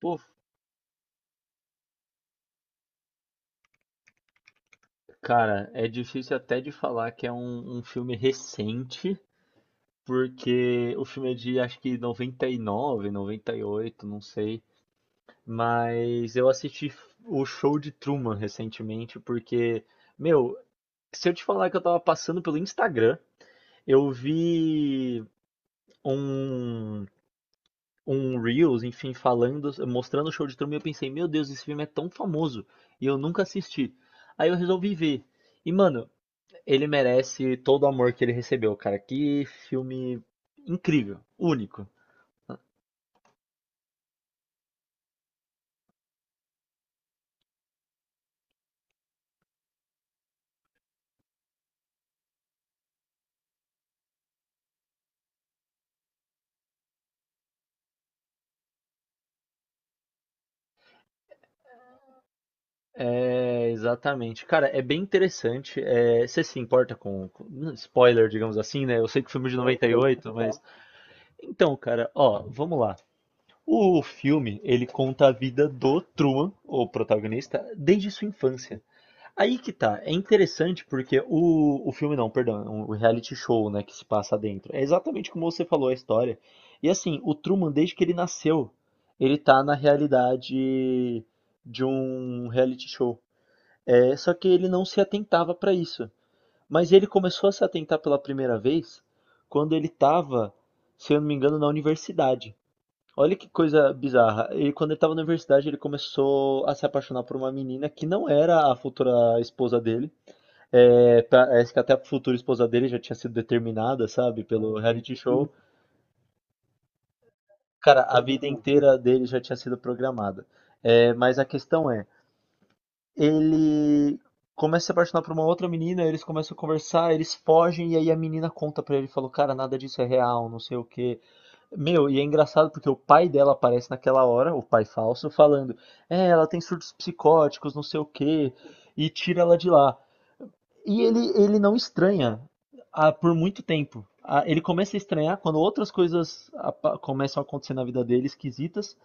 Pô, cara, é difícil até de falar que é um filme recente, porque o filme é de acho que 99, 98, não sei. Mas eu assisti o Show de Truman recentemente, porque, meu, se eu te falar que eu tava passando pelo Instagram, eu vi um, um Reels, enfim, falando, mostrando o Show de Truman, e eu pensei, meu Deus, esse filme é tão famoso, e eu nunca assisti. Aí eu resolvi ver. E, mano, ele merece todo o amor que ele recebeu, cara. Que filme incrível, único. É, exatamente. Cara, é bem interessante. É, você se importa com spoiler, digamos assim, né? Eu sei que o filme é de 98, mas. Então, cara, ó, vamos lá. O filme, ele conta a vida do Truman, o protagonista, desde sua infância. Aí que tá, é interessante porque o filme não, perdão, o reality show, né, que se passa dentro. É exatamente como você falou a história. E assim, o Truman, desde que ele nasceu, ele tá na realidade de um reality show. É, só que ele não se atentava pra isso. Mas ele começou a se atentar pela primeira vez quando ele tava, se eu não me engano, na universidade. Olha que coisa bizarra. Ele, quando ele tava na universidade, ele começou a se apaixonar por uma menina que não era a futura esposa dele. É, que até a futura esposa dele já tinha sido determinada, sabe, pelo reality show. Cara, a vida inteira dele já tinha sido programada. É, mas a questão é, ele começa a se apaixonar por uma outra menina, eles começam a conversar, eles fogem, e aí a menina conta pra ele, falou, cara, nada disso é real, não sei o quê. Meu, e é engraçado porque o pai dela aparece naquela hora, o pai falso, falando, é, ela tem surtos psicóticos, não sei o quê, e tira ela de lá. E ele não estranha por muito tempo. Ah, ele começa a estranhar quando outras coisas começam a acontecer na vida dele, esquisitas,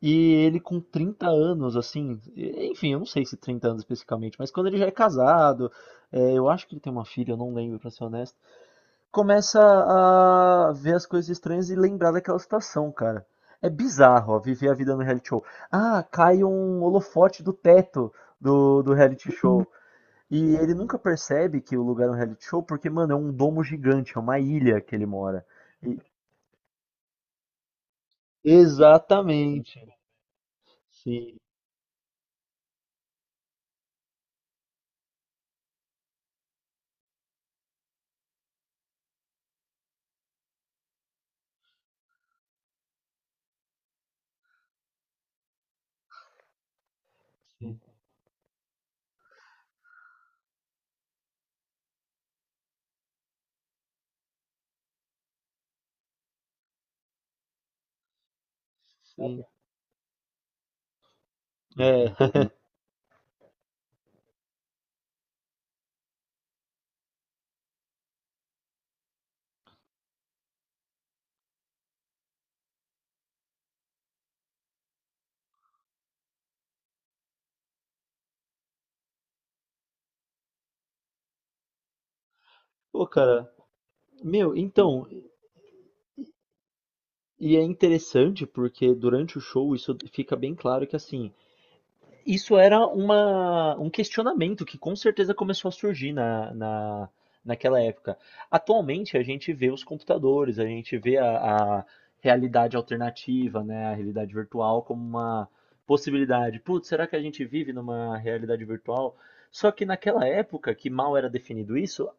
e ele com 30 anos, assim, enfim, eu não sei se 30 anos especificamente, mas quando ele já é casado, é, eu acho que ele tem uma filha, eu não lembro, pra ser honesto, começa a ver as coisas estranhas e lembrar daquela situação, cara. É bizarro, ó, viver a vida no reality show. Ah, cai um holofote do teto do reality show. E ele nunca percebe que o lugar é um reality show, porque, mano, é um domo gigante, é uma ilha que ele mora. E- Exatamente. Sim, sim, sim. É. Pô, cara, meu, então, e é interessante porque durante o show isso fica bem claro que assim, isso era um questionamento que com certeza começou a surgir naquela época. Atualmente a gente vê os computadores, a gente vê a realidade alternativa, né, a realidade virtual como uma possibilidade. Putz, será que a gente vive numa realidade virtual? Só que naquela época, que mal era definido isso,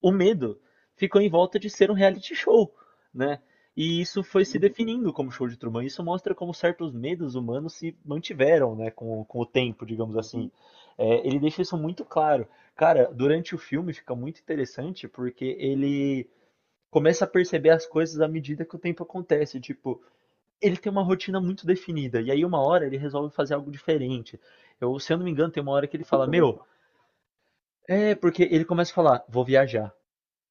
o medo ficou em volta de ser um reality show, né? E isso foi se definindo como Show de Truman. Isso mostra como certos medos humanos se mantiveram, né, com o tempo, digamos assim. É, ele deixa isso muito claro. Cara, durante o filme fica muito interessante porque ele começa a perceber as coisas à medida que o tempo acontece. Tipo, ele tem uma rotina muito definida e aí uma hora ele resolve fazer algo diferente. Eu, se eu não me engano, tem uma hora que ele fala, meu, é porque ele começa a falar, vou viajar.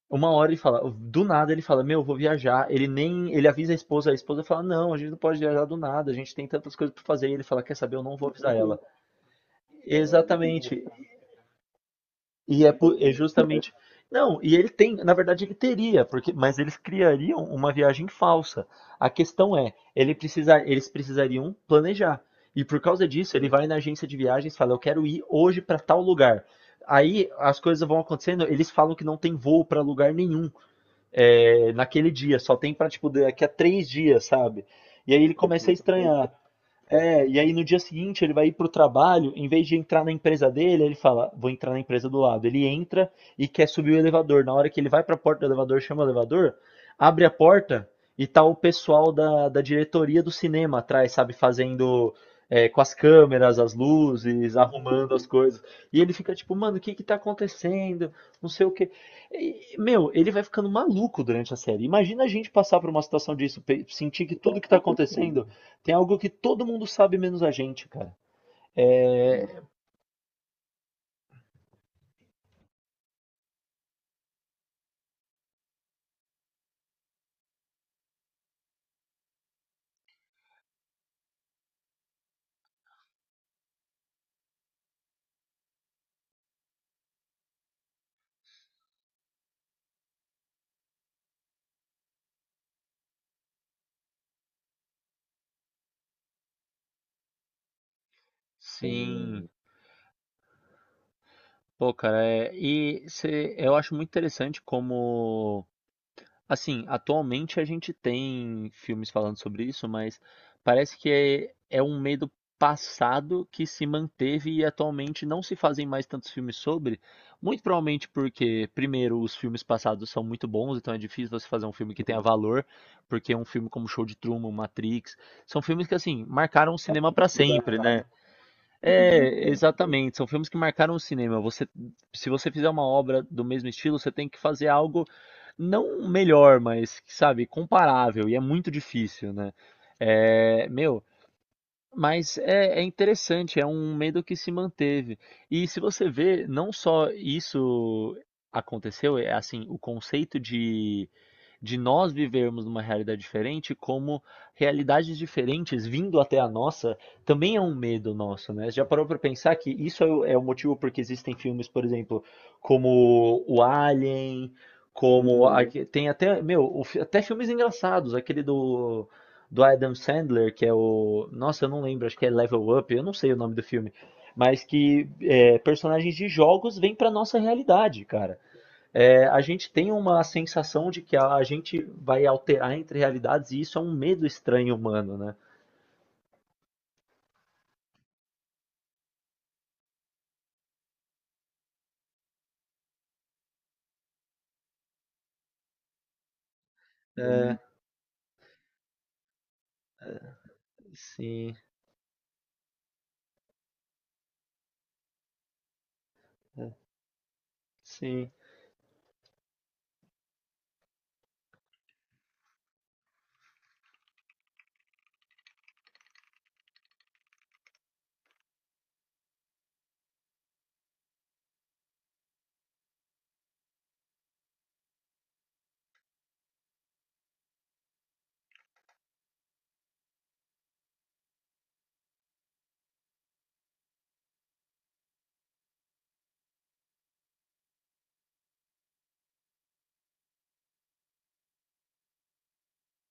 Uma hora ele fala, do nada ele fala, meu, eu vou viajar. Ele nem, ele avisa a esposa fala, não, a gente não pode viajar do nada, a gente tem tantas coisas para fazer. E ele fala, quer saber, eu não vou avisar ela. Exatamente. E é, é justamente, não, e ele tem, na verdade ele teria, porque, mas eles criariam uma viagem falsa. A questão é, ele precisa, eles precisariam planejar. E por causa disso, ele vai na agência de viagens, e fala, eu quero ir hoje para tal lugar. Aí as coisas vão acontecendo, eles falam que não tem voo para lugar nenhum é, naquele dia, só tem pra, tipo, daqui a 3 dias, sabe? E aí ele começa a estranhar. É, e aí no dia seguinte ele vai ir pro trabalho, em vez de entrar na empresa dele, ele fala, vou entrar na empresa do lado. Ele entra e quer subir o elevador. Na hora que ele vai pra porta do elevador, chama o elevador, abre a porta e tá o pessoal da diretoria do cinema atrás, sabe, fazendo é, com as câmeras, as luzes, arrumando as coisas. E ele fica tipo, mano, o que que tá acontecendo? Não sei o quê. E, meu, ele vai ficando maluco durante a série. Imagina a gente passar por uma situação disso, sentir que tudo que tá acontecendo tem algo que todo mundo sabe menos a gente, cara. Sim, pô, cara, é, e eu acho muito interessante como, assim, atualmente a gente tem filmes falando sobre isso, mas parece que é um medo passado que se manteve e atualmente não se fazem mais tantos filmes sobre, muito provavelmente porque, primeiro, os filmes passados são muito bons, então é difícil você fazer um filme que tenha valor, porque um filme como Show de Truman, Matrix, são filmes que, assim, marcaram o cinema pra sempre, né? É, exatamente. São filmes que marcaram o cinema. Você, se você fizer uma obra do mesmo estilo, você tem que fazer algo não melhor, mas, sabe, comparável. E é muito difícil, né? É, meu, mas é interessante, é um medo que se manteve. E se você vê, não só isso aconteceu, é assim, o conceito de nós vivermos numa realidade diferente, como realidades diferentes vindo até a nossa, também é um medo nosso, né? Você já parou para pensar que isso é o motivo porque existem filmes, por exemplo, como o Alien, como Uhum. Tem até, meu, o até filmes engraçados, aquele do Adam Sandler, que é o. Nossa, eu não lembro, acho que é Level Up, eu não sei o nome do filme. Mas que é, personagens de jogos vêm para nossa realidade, cara. É, a gente tem uma sensação de que a gente vai alterar entre realidades e isso é um medo estranho humano, né? É, sim, sim,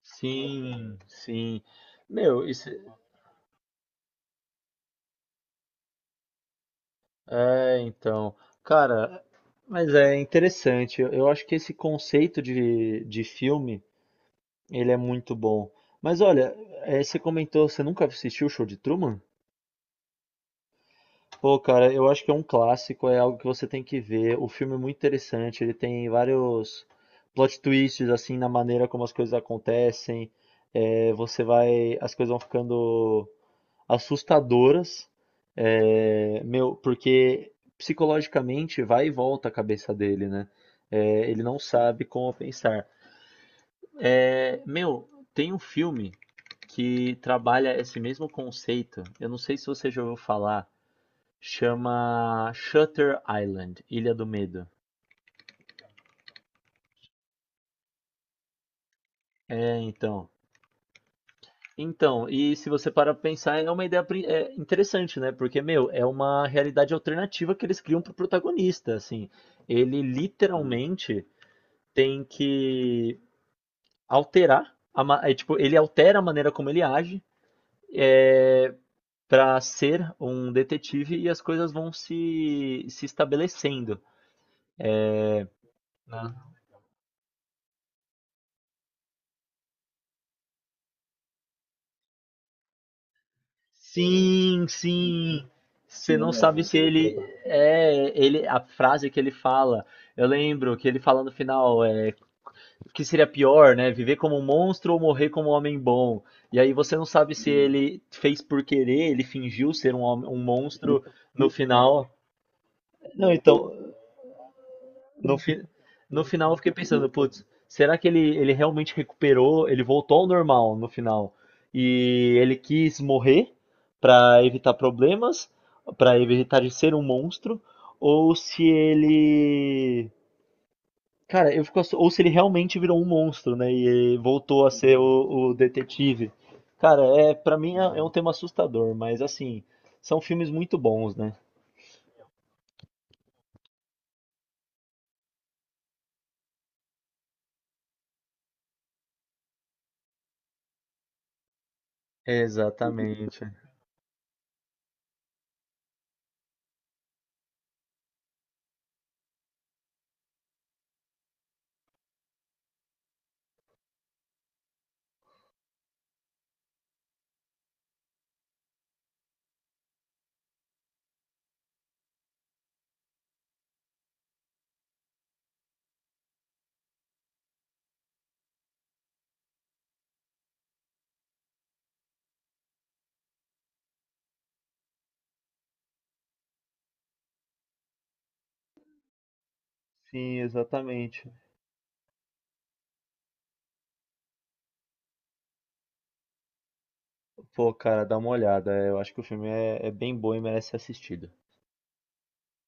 sim, sim. Meu, isso. É, então. Cara, mas é interessante. Eu acho que esse conceito de filme. Ele é muito bom. Mas olha, você comentou, você nunca assistiu o Show de Truman? Pô, cara, eu acho que é um clássico, é algo que você tem que ver. O filme é muito interessante, ele tem vários plot twists, assim, na maneira como as coisas acontecem. Você vai, as coisas vão ficando assustadoras, meu, porque psicologicamente vai e volta a cabeça dele, né? Ele não sabe como pensar. É, meu, tem um filme que trabalha esse mesmo conceito. Eu não sei se você já ouviu falar. Chama Shutter Island, Ilha do Medo. É, então. Então, e se você parar pra pensar, é uma ideia interessante, né? Porque, meu, é uma realidade alternativa que eles criam pro protagonista, assim. Ele literalmente tem que alterar, tipo, ele altera a maneira como ele age, é, para ser um detetive e as coisas vão se estabelecendo, né? Sim, sim. Você não Sim, é sabe se ele muito é ele a frase que ele fala. Eu lembro que ele fala no final, é, que seria pior, né? Viver como um monstro ou morrer como um homem bom. E aí você não sabe se ele fez por querer, ele fingiu ser um monstro no final. Não, então, No, fi- no final eu fiquei pensando, putz, será que ele realmente recuperou? Ele voltou ao normal no final. E ele quis morrer pra evitar problemas, pra evitar de ser um monstro, ou se ele. Cara, eu fico ou se ele realmente virou um monstro, né? E voltou a ser o detetive. Cara, é, para mim é um tema assustador, mas assim, são filmes muito bons, né? Exatamente. Sim, exatamente. Pô, cara, dá uma olhada. É, eu acho que o filme é bem bom e merece ser assistido.